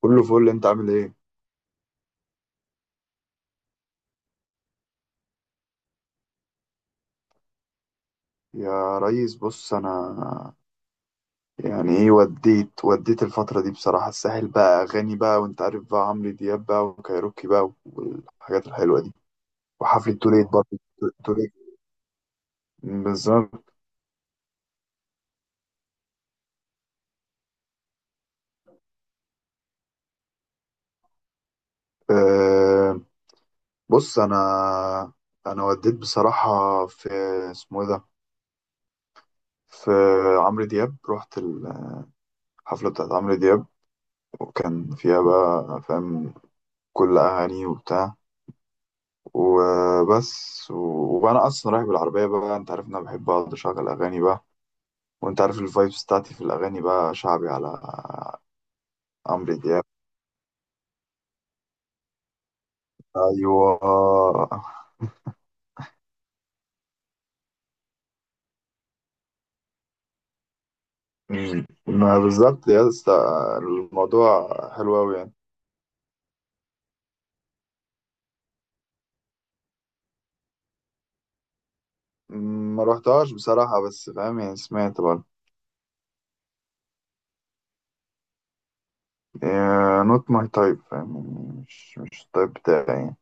كله فل، انت عامل ايه؟ يا ريس، بص انا. يعني ايه؟ وديت الفترة دي بصراحة. الساحل بقى اغاني بقى، وانت عارف بقى عمرو دياب بقى وكايروكي بقى والحاجات الحلوة دي. وحفلة توليت برضه. توليت بالظبط. أه بص انا وديت بصراحة. في، اسمه ايه ده، في عمرو دياب. رحت الحفلة بتاعت عمرو دياب، وكان فيها بقى فاهم كل اغاني وبتاع وبس. وبقى انا اصلا رايح بالعربيه بقى، انت عارف ان انا بحب اقعد اشغل اغاني بقى. وانت عارف الفايبس بتاعتي في الاغاني بقى شعبي، على عمرو دياب. ايوه. مم. ما بالظبط يا اسطى. الموضوع حلو قوي يعني. ما روحتهاش بصراحه، بس فاهم يعني، سمعت برضه. نوت ماي تايب، فاهم يعني، مش التايب بتاعي يعني.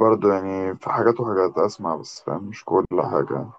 برضه يعني في حاجات وحاجات اسمع، بس فاهم مش كل حاجه.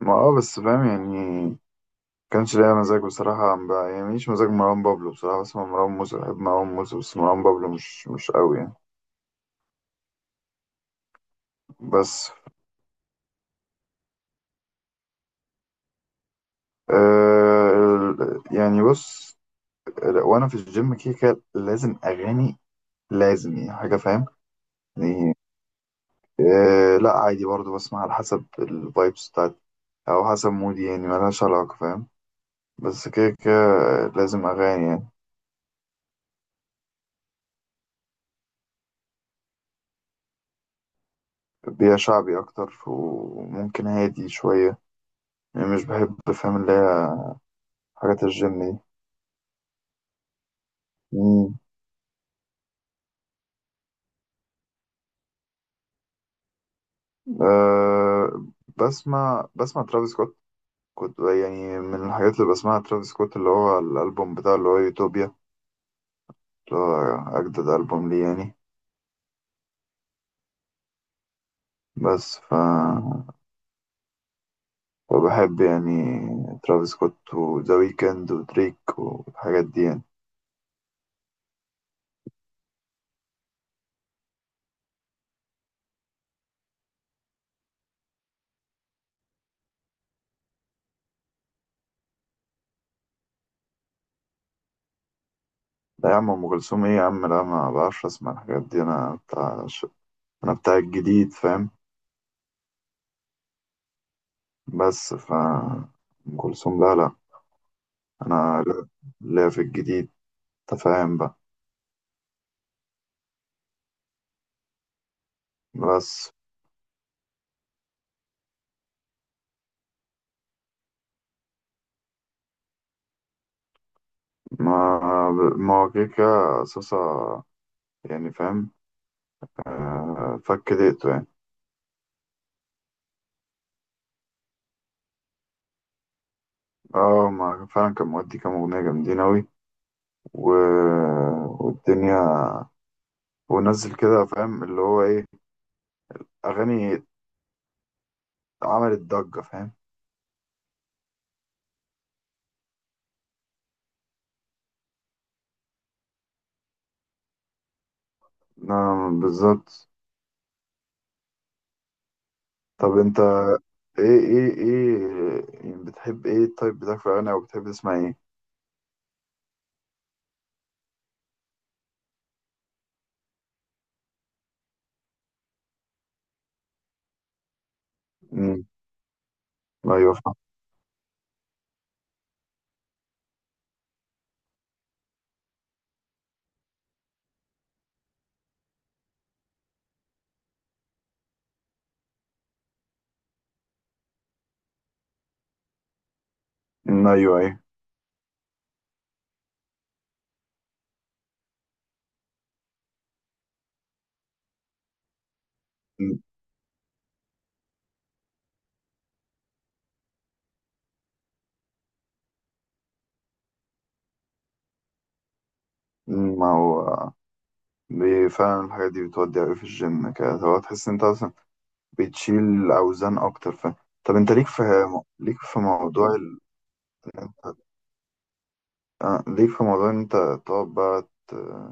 ما بس فاهم يعني، كانش ليا مزاج بصراحة، ما بيعجبنيش مزاج مروان بابلو بصراحة. بسمع مروان موسى، بحب مروان موسى، بس مروان بابلو مش قوي يعني. بس يعني بص، لا، وأنا في الجيم كده كده لازم أغاني. لازم يعني حاجة فاهم. يعني لا عادي برضو، بسمع على حسب الفايبس بتاعت، أو حسب مودي يعني، ملهاش علاقة فاهم. بس كده كده لازم أغاني يعني. بيها شعبي أكتر، وممكن هادي شوية يعني. مش بحب فاهم اللي هي حاجات الجيم دي. أه بسمع ترافيس سكوت. كنت يعني من الحاجات اللي بسمعها ترافيس سكوت، اللي هو الألبوم بتاعه اللي هو يوتوبيا، اللي هو أجدد ألبوم ليه يعني. بس وبحب يعني ترافيس سكوت وذا ويكند ودريك والحاجات دي يعني. لا يا عم، أم كلثوم إيه يا عم؟ لا، ما بعرفش أسمع الحاجات دي. أنا بتاع الجديد فاهم. بس أم كلثوم لا لا. أنا لا، لا، في الجديد تفاهم بقى. بس ما ما هو كده كده صاصة يعني فاهم. آه، فك دقته يعني. اه، ما فعلا كان مودي كام أغنية جامدين أوي. و... والدنيا ونزل كده فاهم اللي هو إيه، أغاني عملت ضجة فاهم. نعم بالظبط. طب أنت إيه يعني، بتحب إيه التايب بتاعك في الأغاني، أو بتحب تسمع إيه؟ مم. أيوه فاهم. مم، أيوه أيوه. ما هو دي فعلا الحاجات دي بتودي أوي في الجيم كده، هو تحس إن أنت أصلا بتشيل اوزان اكتر. طب انت ليك في موضوع ان انت تقعد بقى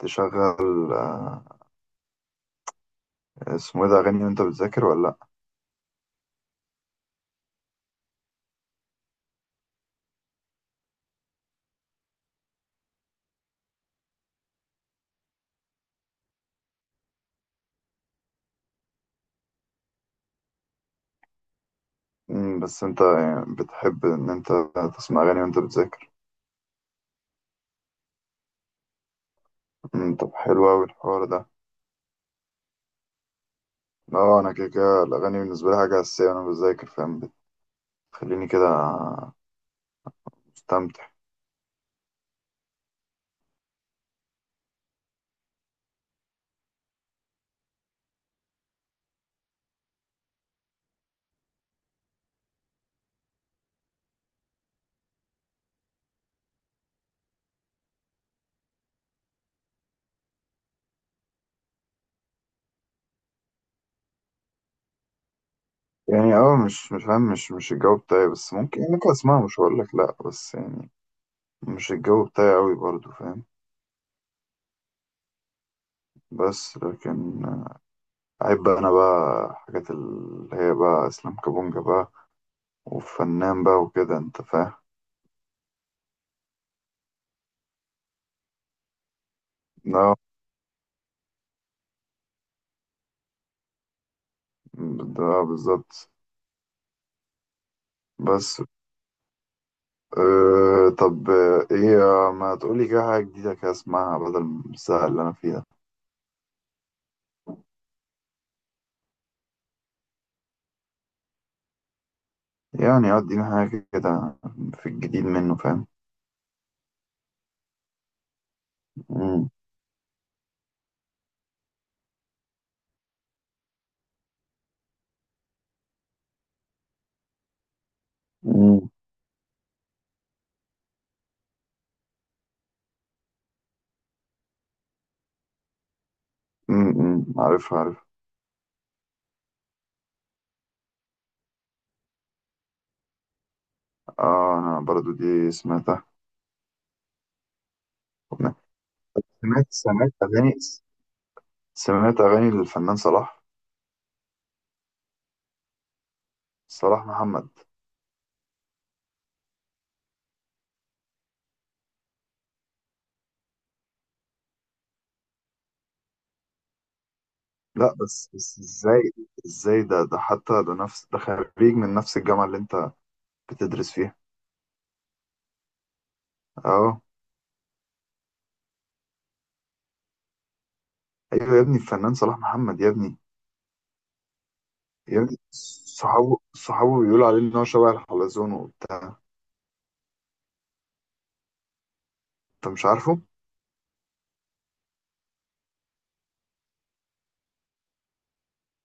تشغل اسمه ايه ده اغاني وانت بتذاكر ولا لا؟ بس انت يعني بتحب ان انت تسمع اغاني وانت بتذاكر. طب حلو اوي الحوار ده. اه، انا كده كده الاغاني بالنسبه لي حاجه اساسيه وانا بذاكر فاهم. بتخليني كده مستمتع. يعني مش فاهم، مش الجو بتاعي، بس ممكن اسمعها، مش هقول لك لا. بس يعني مش الجو بتاعي قوي برضو فاهم. بس لكن أحب أنا بقى حاجات اللي هي بقى إسلام كابونجا بقى، وفنان بقى وكده أنت فاهم. لا، ده بالظبط. بس طب إيه ما تقولي كده حاجة جديدة كده أسمعها بدل السهل اللي أنا فيه ده. يعني أديني حاجة كده في الجديد منه فاهم. مم. مم. مم. مم. عارف عارف. آه، أنا برضو دي سمعتها. سمعت أغاني، سمعت أغاني للفنان صلاح، صلاح محمد. لا، بس ازاي ده حتى ده نفس ده خريج من نفس الجامعة اللي انت بتدرس فيها. اه، ايوه يا ابني، الفنان صلاح محمد يا ابني، يا ابني. صحابه بيقولوا عليه ان هو شبه الحلزون وبتاع. انت مش عارفه.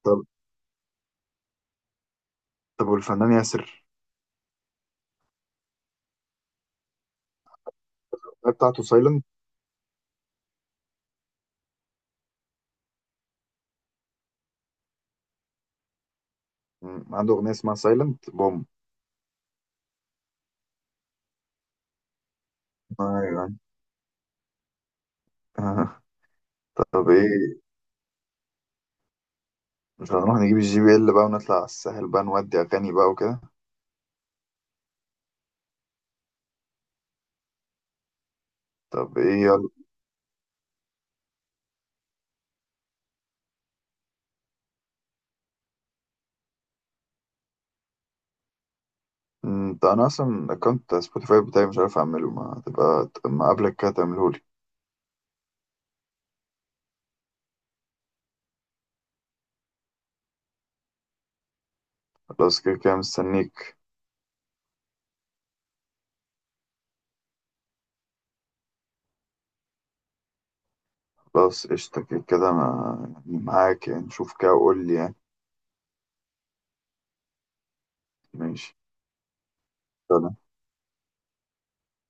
طب طب والفنان ياسر، الأغنية بتاعته سايلنت. عنده اغنية اسمها سايلنت بوم. ايوه. آه. طب ايه، مش هنروح نجيب الـJBL بقى ونطلع على الساحل بقى نودي اغاني بقى وكده؟ طب ايه. ده انا اصلا اكونت سبوتيفاي بتاعي مش عارف اعمله، ما تبقى ما قبلك كده تعملهولي. خلاص كده كده مستنيك. خلاص قشطة كده كده، ما يعني معاك يعني، شوف كده وقول لي يعني. ماشي.